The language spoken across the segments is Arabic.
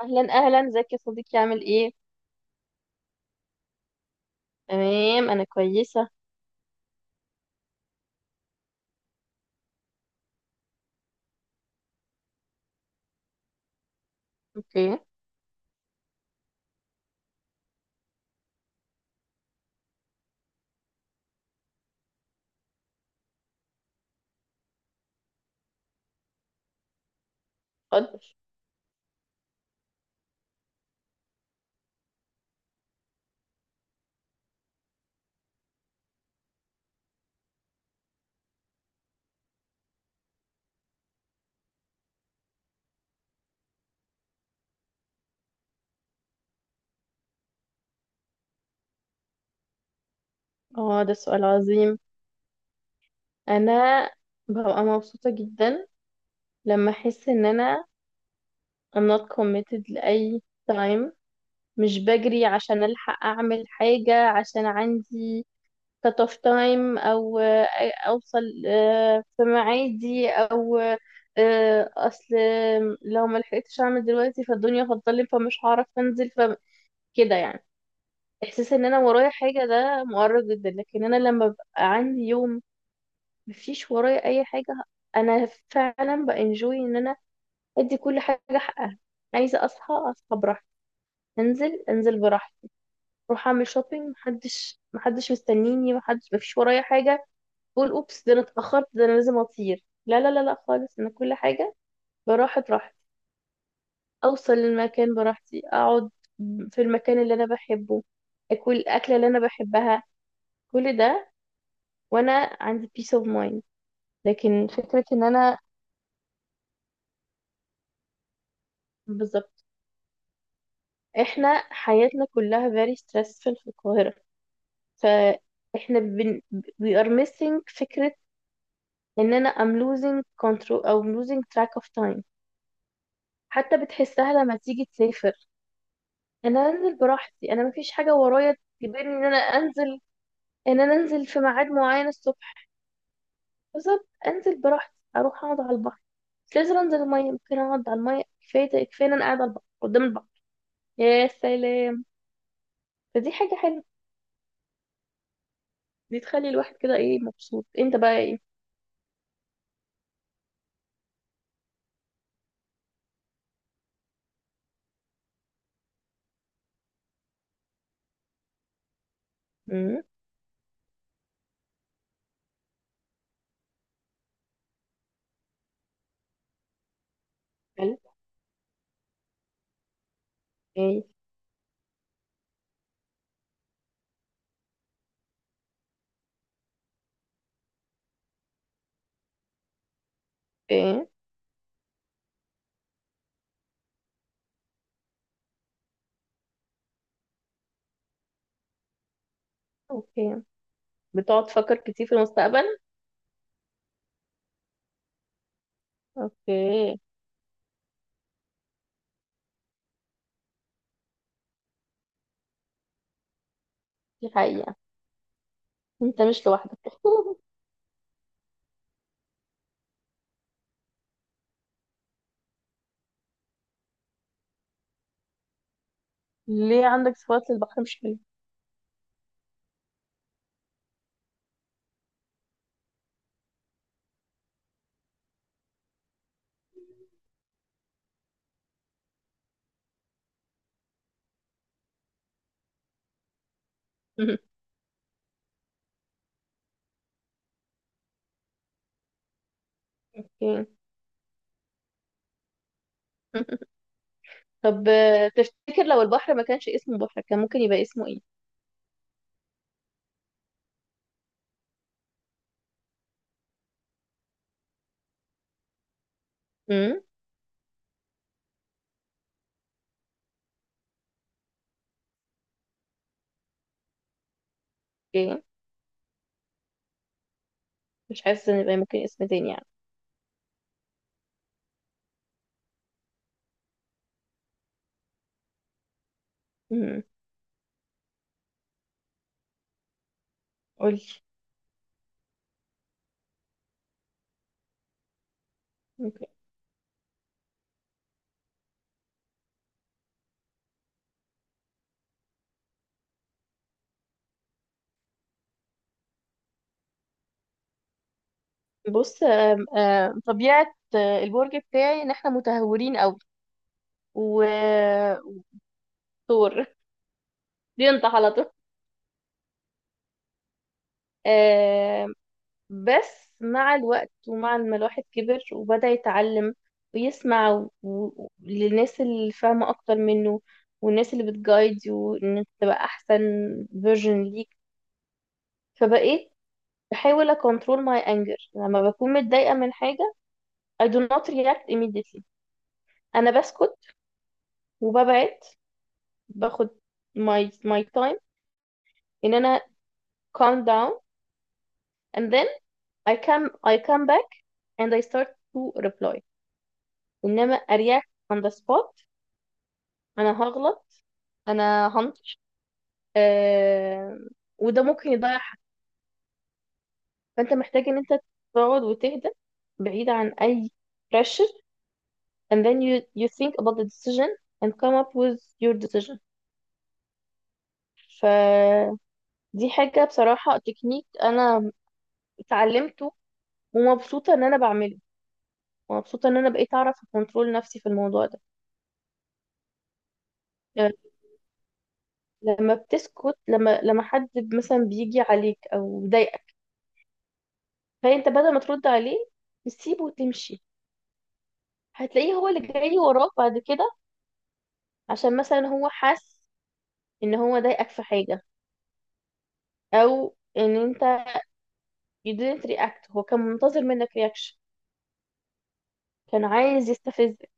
اهلا اهلا، ازيك يا صديقي؟ عامل ايه؟ تمام، انا كويسه. اوكي. اتفضل. اه، ده سؤال عظيم. انا ببقى مبسوطه جدا لما احس ان انا I'm not committed لاي time، مش بجري عشان الحق اعمل حاجه عشان عندي cut off time، او اوصل في ميعادي، او اصل لو ما لحقتش اعمل دلوقتي فالدنيا هتضلم فمش هعرف انزل فكده. يعني احساس ان انا ورايا حاجه ده مؤرق جدا. لكن انا لما ببقى عندي يوم مفيش ورايا اي حاجه، انا فعلا بانجوي ان انا ادي كل حاجه حقها. عايزه اصحى اصحى براحتي، انزل انزل براحتي، اروح اعمل شوبينج، محدش محدش مستنيني، محدش، مفيش ورايا حاجه بقول اوبس ده انا اتاخرت، ده انا لازم اطير. لا لا لا لا، خالص انا كل حاجه براحه راحتي، اوصل للمكان براحتي، اقعد في المكان اللي انا بحبه، اكل الاكله اللي انا بحبها. كل ده وانا عندي peace of mind. لكن فكرة ان انا، بالظبط، احنا حياتنا كلها very stressful في القاهرة. فاحنا we are missing فكرة ان انا I'm losing control، او I'm losing track of time. حتى بتحسها لما تيجي تسافر، انا انزل براحتي، انا مفيش حاجة ورايا تجبرني ان انا انزل، ان انا انزل في ميعاد معين الصبح. بالظبط، انزل براحتي اروح اقعد على البحر، مش لازم انزل المية، ممكن اقعد على المية، كفاية كفاية ان انا قاعدة على البحر قدام البحر، يا سلام. فدي حاجة حلوة، دي تخلي الواحد كده ايه مبسوط. انت بقى ايه؟ امم، حلو. ايه ايه. اوكي. بتقعد تفكر كتير في المستقبل. اوكي. دي حقيقة. انت مش لوحدك. ليه عندك صفات للبحر مش حلوة؟ اوكي. طب، تفتكر لو البحر ما كانش اسمه بحر كان ممكن يبقى اسمه ايه؟ امم. اوكي. مش حاسة ان يبقى ممكن اسم تاني يعني. امم. قولي. اوكي. بص، آم، آم، طبيعة البرج بتاعي ان احنا متهورين قوي. و وثور، بينطح على طول. آه، بس مع الوقت ومع ما الواحد كبر وبدأ يتعلم ويسمع للناس اللي فاهمة أكتر منه، والناس اللي بتجايد وإنك تبقى أحسن فيرجن ليك، فبقيت بحاول أكونترول ماي أنجر لما بكون متضايقة من حاجة. I do not react immediately. أنا بسكت، وببعد، باخد my time، إن أنا calm down, and then I come back and I start to reply. انما ارياك on the spot، انا هغلط، انا هنطش. آه. وده ممكن يضيع حاجة. فانت محتاج ان انت تقعد وتهدى بعيد عن اي pressure, and then you think about the decision and come up with your decision. فدي حاجة بصراحة تكنيك انا اتعلمته، ومبسوطة ان انا بعمله، ومبسوطة ان انا بقيت اعرف اكونترول نفسي في الموضوع ده. آه، لما بتسكت، لما حد مثلا بيجي عليك او بيضايقك، فانت بدل ما ترد عليه تسيبه وتمشي، هتلاقيه هو اللي جاي وراك بعد كده. عشان مثلا هو حس ان هو ضايقك في حاجة، او ان انت you didn't react، هو كان منتظر منك reaction. كان عايز يستفزك.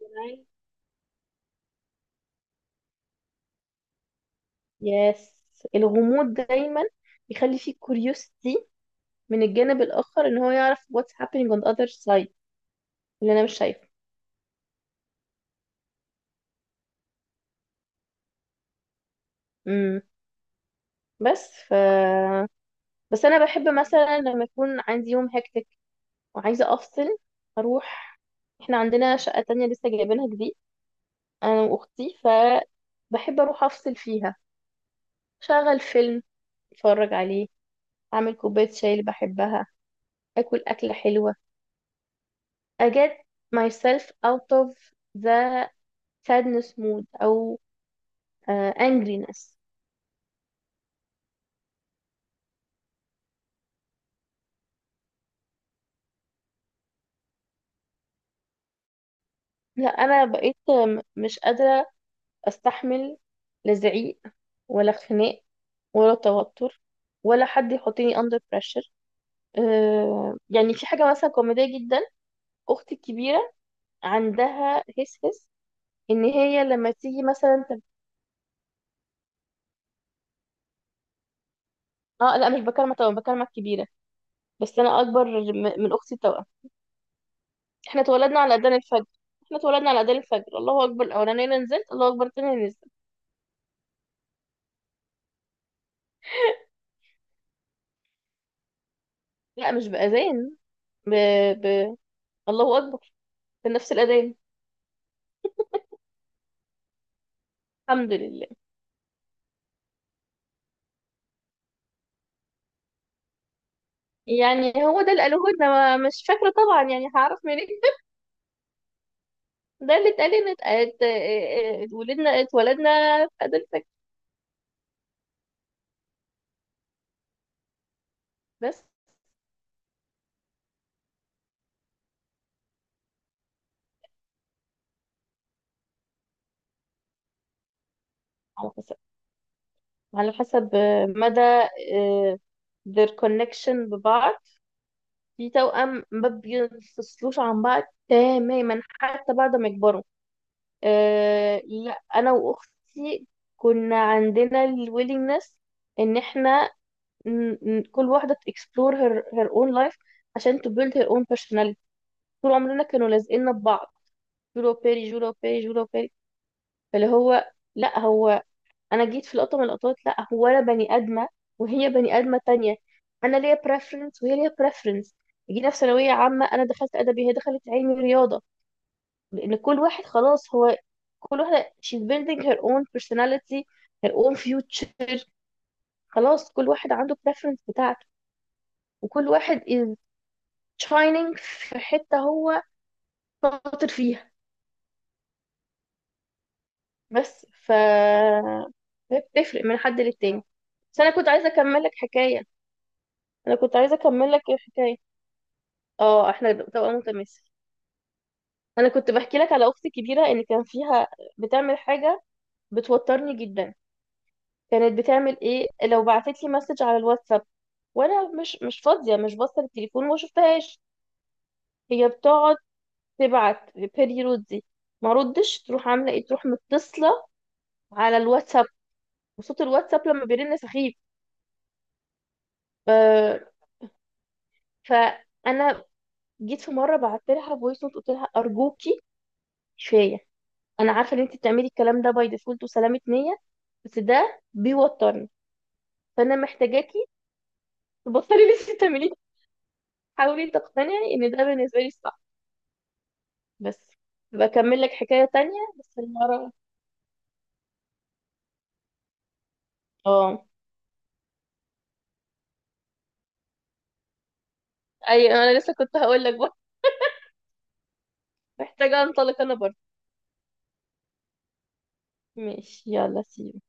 كان عايز يس الغموض دايما بيخلي فيه curiosity من الجانب الاخر، ان هو يعرف what's happening on the other side اللي انا مش شايفه. امم. بس ف بس انا بحب مثلا لما يكون عندي يوم هيك وعايزة أفصل، أروح. إحنا عندنا شقة تانية لسه جايبينها جديد أنا وأختي، فبحب أروح أفصل فيها. شغل فيلم أتفرج عليه، أعمل كوباية شاي اللي بحبها، أكل أكلة حلوة. I get myself out of the sadness mood، أو angriness. لا، أنا بقيت مش قادرة أستحمل لا زعيق، ولا خناق، ولا توتر، ولا حد يحطني under pressure. يعني في حاجة مثلا كوميدية جدا. أختي الكبيرة عندها هس هس، إن هي لما تيجي مثلا اه، لا، مش بكلمة توأم، بكلمة كبيرة، بس أنا أكبر من أختي التوأم. احنا اتولدنا على أذان الفجر، احنا اتولدنا على أذان الفجر. الله أكبر الأولانية نزلت، الله أكبر التانية نزلت. لا، مش بأذان، ب... ب... الله أكبر في نفس الأذان. الحمد لله. يعني هو ده اللي قالوه لنا، مش فاكرة طبعا، يعني هعرف منين؟ ده اللي اتقال لنا، ولدنا اتولدنا في أذان الفجر. بس. على حسب، على حسب مدى آه، their connection ببعض. في توأم ما بينفصلوش عن بعض تماما حتى بعد ما يكبروا. آه، لا، أنا وأختي كنا عندنا ال willingness، إن إحنا كل واحدة ت explore her own life, عشان to build her own personality. طول عمرنا كانوا لازقيننا ببعض، جولو بيري جولو بيري جولو بيري. فاللي هو، لا هو، انا جيت في لقطه من اللقطات، لا، هو انا بني ادمه وهي بني ادمه تانية، انا ليا بريفرنس وهي ليا بريفرنس. جينا في ثانويه عامه، انا دخلت ادبي، هي دخلت علمي رياضه، لان كل واحد خلاص هو، كل واحده she's building her own personality, her own future. خلاص كل واحد عنده preference بتاعته، وكل واحد is shining في حته هو شاطر فيها. بس ف بتفرق من حد للتاني. بس انا كنت عايزه اكمل لك حكايه، انا كنت عايزه اكمل لك الحكايه. اه، احنا بتبقى متماسك. انا كنت بحكي لك على اختي الكبيره اللي كان فيها بتعمل حاجه بتوترني جدا. كانت بتعمل ايه؟ لو بعتت لي مسج على الواتساب وانا مش فاضيه، مش باصه للتليفون وما شفتهاش، هي بتقعد تبعت بيريود. دي ما ردش، تروح عامله ايه، تروح متصله على الواتساب، وصوت الواتساب لما بيرن سخيف. ف... فانا جيت في مره بعت لها فويس نوت، قلت لها ارجوكي كفايه، انا عارفه ان انت بتعملي الكلام ده باي ديفولت وسلامه نيه، بس ده بيوترني. فانا محتاجاكي تبطلي اللي انت بتعمليه، حاولي تقتنعي ان ده بالنسبه لي الصح. بس بكمل لك حكايه تانية بس المره. اه، اي انا لسه كنت هقول لك بقى، محتاجه انطلق انا برضه. ماشي يلا، سي.